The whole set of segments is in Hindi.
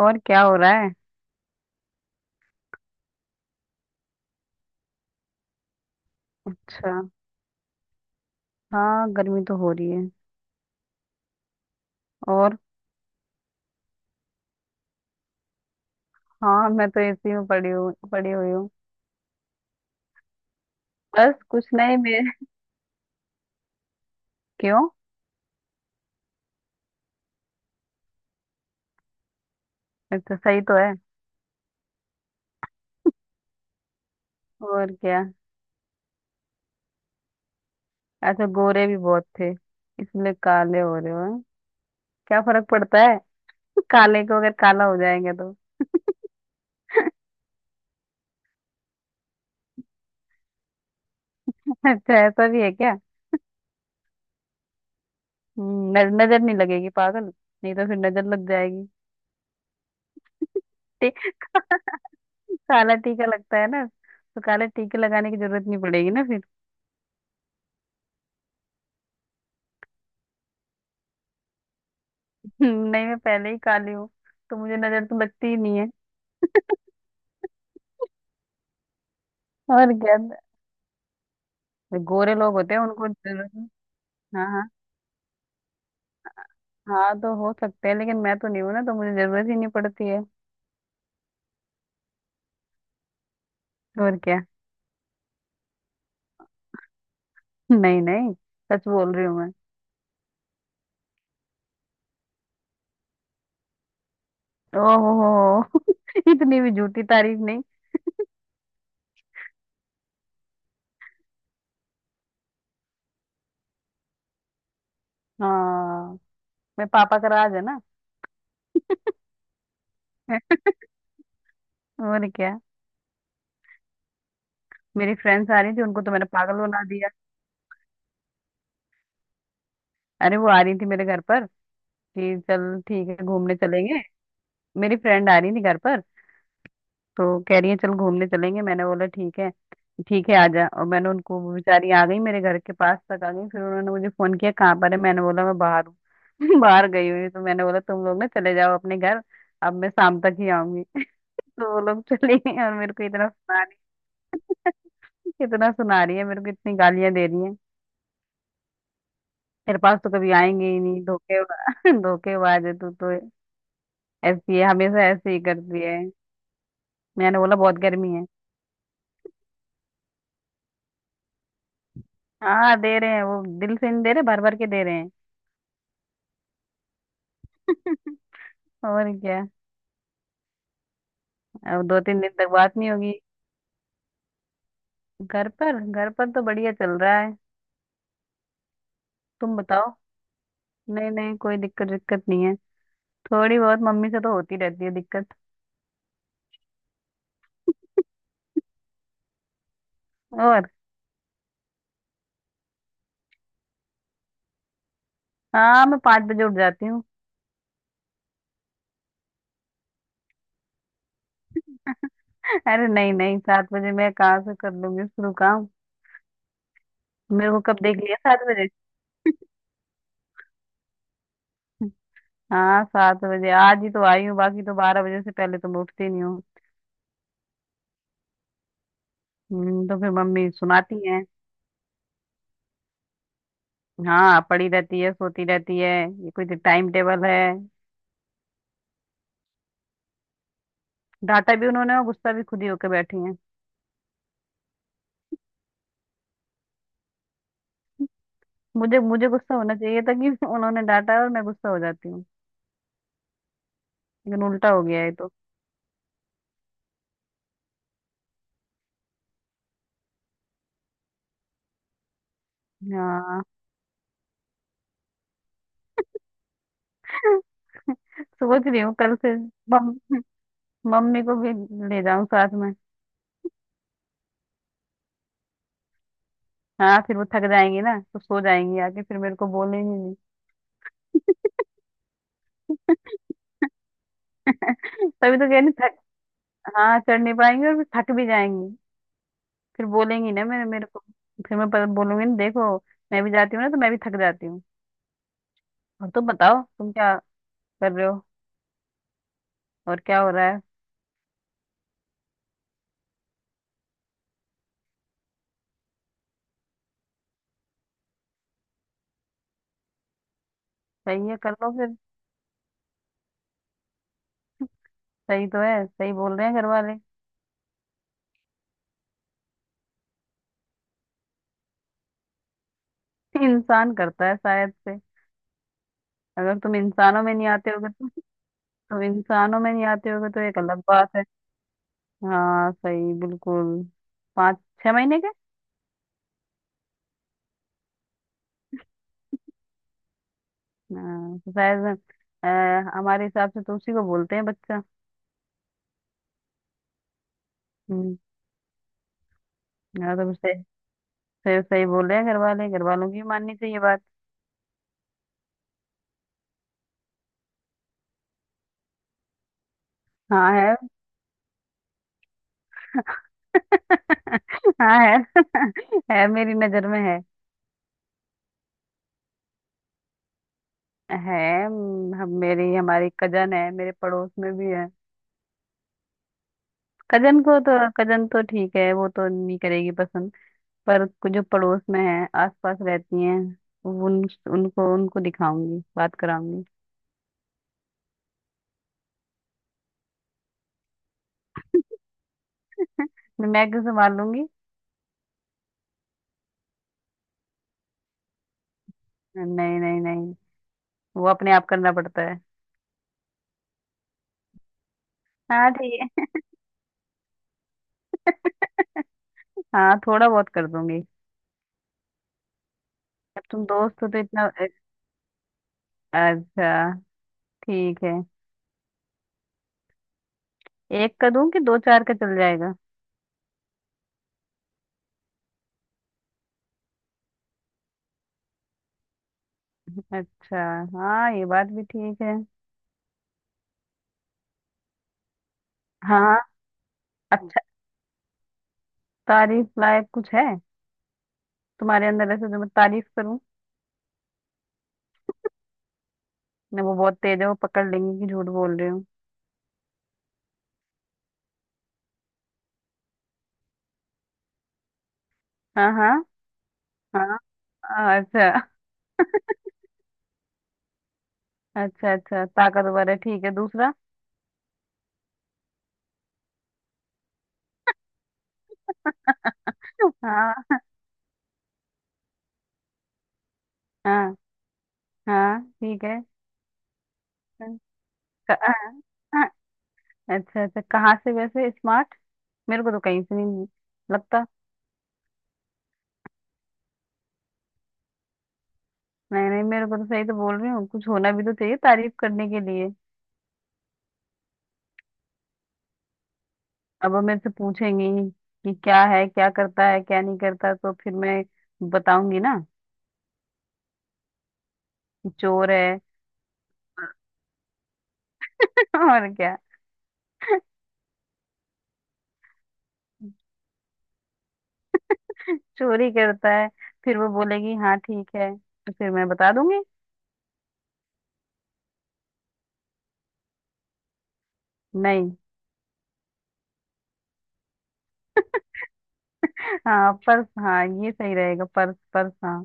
और क्या हो रहा है। अच्छा। हाँ, गर्मी तो हो रही है। और हाँ, मैं तो एसी में पड़ी हूँ, पड़ी हुई हूँ। बस कुछ नहीं मैं। क्यों? ये तो सही तो है। और क्या। अच्छा, गोरे भी बहुत थे। इसलिए काले हो रहे हो हैं? क्या फर्क पड़ता है। काले को अगर काला हो जाएंगे तो। अच्छा, ऐसा भी है क्या? नजर नहीं लगेगी पागल। नहीं तो फिर नजर लग जाएगी। ठीक। काला टीका लगता है ना, तो काला टीके लगाने की जरूरत नहीं पड़ेगी ना फिर। नहीं, मैं पहले ही काली हूँ। तो मुझे नजर तो लगती ही नहीं है। और क्या। जो गोरे लोग होते हैं उनको जरूरत ही- हाँ हाँ। हाँ तो हो सकते हैं, लेकिन मैं तो नहीं हूँ ना, तो मुझे जरूरत ही नहीं पड़ती है। और क्या। नहीं नहीं, सच बोल रही हूँ मैं। ओहो। इतनी भी झूठी तारीफ नहीं। हाँ, मैं पापा का राज है ना। और क्या। मेरी फ्रेंड्स आ रही थी, उनको तो मैंने पागल बना दिया। अरे वो आ रही थी मेरे घर पर कि चल ठीक है घूमने चलेंगे। मेरी फ्रेंड आ रही थी घर पर। तो कह रही है चल घूमने चलेंगे, मैंने बोला ठीक है, ठीक है आ जा। और मैंने उनको वो बेचारी आ गई मेरे घर के पास तक आ गई, फिर उन्होंने मुझे फोन किया कहाँ पर है, मैंने बोला मैं बाहर हूँ। बाहर गई हुई हूँ। तो मैंने बोला तुम लोग ना चले जाओ अपने घर, अब मैं शाम तक ही आऊंगी। तो वो लोग चले गए और मेरे को इतना सुना रही। इतना सुना रही है मेरे को, इतनी गालियां दे रही है। तेरे पास तो कभी आएंगे ही नहीं, धोखे धोखेबाज है तू तो। ऐसी है, हमेशा ऐसे ही करती है। मैंने बोला बहुत गर्मी है। हाँ दे रहे हैं, वो दिल से नहीं दे रहे, भर भर के दे रहे हैं। और क्या। अब 2 3 दिन तक बात नहीं होगी। घर पर, घर पर तो बढ़िया चल रहा है। तुम बताओ। नहीं नहीं, कोई दिक्कत दिक्कत नहीं है। थोड़ी बहुत मम्मी से तो होती रहती है दिक्कत। और हाँ, मैं 5 बजे उठ जाती हूँ। अरे नहीं नहीं, 7 बजे मैं कहाँ से कर लूंगी शुरू काम। मेरे को कब देख लिया 7 बजे? हाँ, 7 बजे आज ही तो आई हूँ, बाकी तो 12 बजे से पहले तो मैं उठती नहीं हूँ। तो फिर मम्मी सुनाती है। हाँ, पड़ी रहती है सोती रहती है, ये कोई टाइम टेबल है? डांटा भी उन्होंने और गुस्सा भी खुद ही होके बैठी हैं। मुझे मुझे गुस्सा होना चाहिए था कि उन्होंने डांटा है और मैं गुस्सा हो जाती हूँ, लेकिन उल्टा हो गया है तो। हाँ। सोच रही हूँ कल से मम्मी को भी ले जाऊं साथ में। हाँ फिर वो थक जाएंगी ना तो सो जाएंगी आके, फिर मेरे को बोलेंगी नहीं। तभी तो कह रही थक। हाँ चढ़ नहीं पाएंगी और फिर थक भी जाएंगी, फिर बोलेंगी ना मेरे मेरे को। फिर मैं बोलूंगी ना देखो, मैं भी जाती हूँ ना तो मैं भी थक जाती हूँ। और तुम बताओ तुम क्या कर रहे हो, और क्या हो रहा है। सही है कर लो फिर। सही तो है, सही बोल रहे हैं घर वाले। इंसान करता है शायद से, अगर तुम इंसानों में नहीं आते होगे तो। तुम इंसानों में नहीं आते होगे तो एक अलग बात है। हाँ सही बिल्कुल। 5 6 महीने के। हाँ तो शायद, अ, हमारे हिसाब से तो उसी को बोलते हैं बच्चा। हम्म। हाँ तो सही। सही, सही बोल रहे हैं घर वाले, घर वालों की भी माननी चाहिए बात। हाँ है। हाँ है। है, मेरी नजर में है। है हम मेरी हमारी कजन है, मेरे पड़ोस में भी है। कजन को तो, कजन तो ठीक है वो तो नहीं करेगी पसंद। पर कुछ जो पड़ोस में है आसपास रहती हैं, उन, उनको उनको दिखाऊंगी बात कराऊंगी। मैं कैसे मार लूंगी। नहीं नहीं नहीं, वो अपने आप करना पड़ता है। हाँ ठीक है। हाँ, थोड़ा बहुत कर दूंगी। अब तुम दोस्त हो तो इतना। अच्छा, ठीक है। एक का दूं कि दो चार का चल जाएगा? अच्छा, हाँ ये बात भी ठीक है। हाँ। अच्छा, तारीफ लायक कुछ है तुम्हारे अंदर ऐसे जो मैं तारीफ करूं? नहीं, वो बहुत तेज है, वो पकड़ लेंगी कि झूठ बोल रही हूँ। हाँ हाँ। हाँ। हाँ, अच्छा। अच्छा, अच्छा ताकतवर है ठीक है दूसरा। हाँ। हाँ। हाँ ठीक है। हाँ, अच्छा, अच्छा कहाँ से वैसे स्मार्ट? मेरे को तो कहीं से नहीं लगता। नहीं नहीं, मेरे को तो सही तो बोल रही हूँ, कुछ होना भी तो चाहिए तारीफ करने के लिए। अब वो मेरे से पूछेंगी कि क्या है, क्या करता है क्या नहीं करता, तो फिर मैं बताऊंगी ना कि चोर है। और क्या। चोरी करता है, फिर वो बोलेगी हाँ ठीक है, तो फिर मैं बता दूंगी। नहीं। हाँ पर्स, हाँ ये सही रहेगा, पर्स, पर्स, हाँ।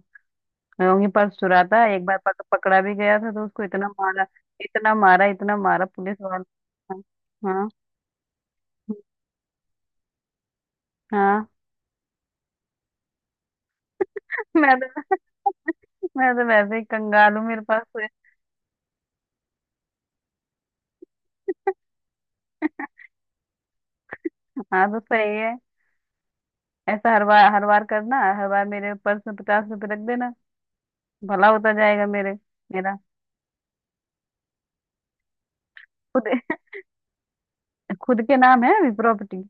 मैं कहूंगी पर्स चुराता है, एक बार पकड़ा भी गया था, तो उसको इतना मारा, इतना मारा, इतना मारा पुलिस वाले। हाँ हाँ हाँ। मैं तो, मैं तो वैसे ही कंगाल हूँ, मेरे पास तो- हाँ तो सही है, ऐसा हर बार, हर बार करना, हर बार मेरे पर्स में 50 रुपए रख देना, भला होता जाएगा मेरे। मेरा खुद, खुद के नाम है अभी प्रॉपर्टी।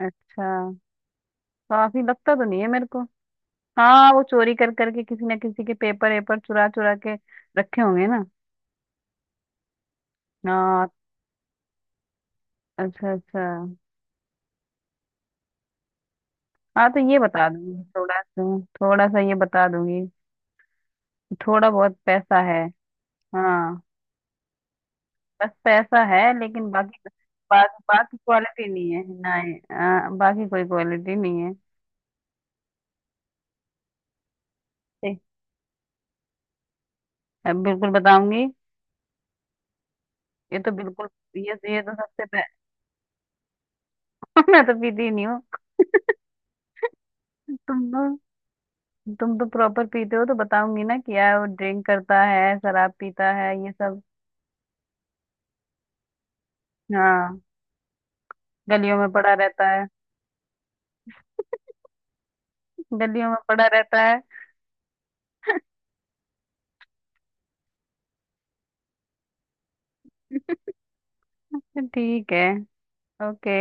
अच्छा, काफी लगता तो नहीं है मेरे को। हाँ, वो चोरी कर करके किसी ना किसी के पेपर वेपर चुरा चुरा के रखे होंगे ना। हाँ। अच्छा अच्छा। हाँ तो ये बता दूंगी, थोड़ा सा ये बता दूंगी, थोड़ा बहुत पैसा है। हाँ। बस पैसा है, लेकिन बाकी, बाकी क्वालिटी नहीं है, नहीं बाकी कोई क्वालिटी नहीं है। ठीक। अब बिल्कुल बताऊंगी। ये तो बिल्कुल, ये तो सबसे पह... मैं तो पीती ही नहीं हूँ। तुम तुम तो प्रॉपर पीते हो, तो बताऊंगी ना कि यार वो ड्रिंक करता है, शराब पीता है ये सब। हाँ, गलियों में पड़ा रहता है। गलियों में पड़ा रहता है। ठीक है। ओके।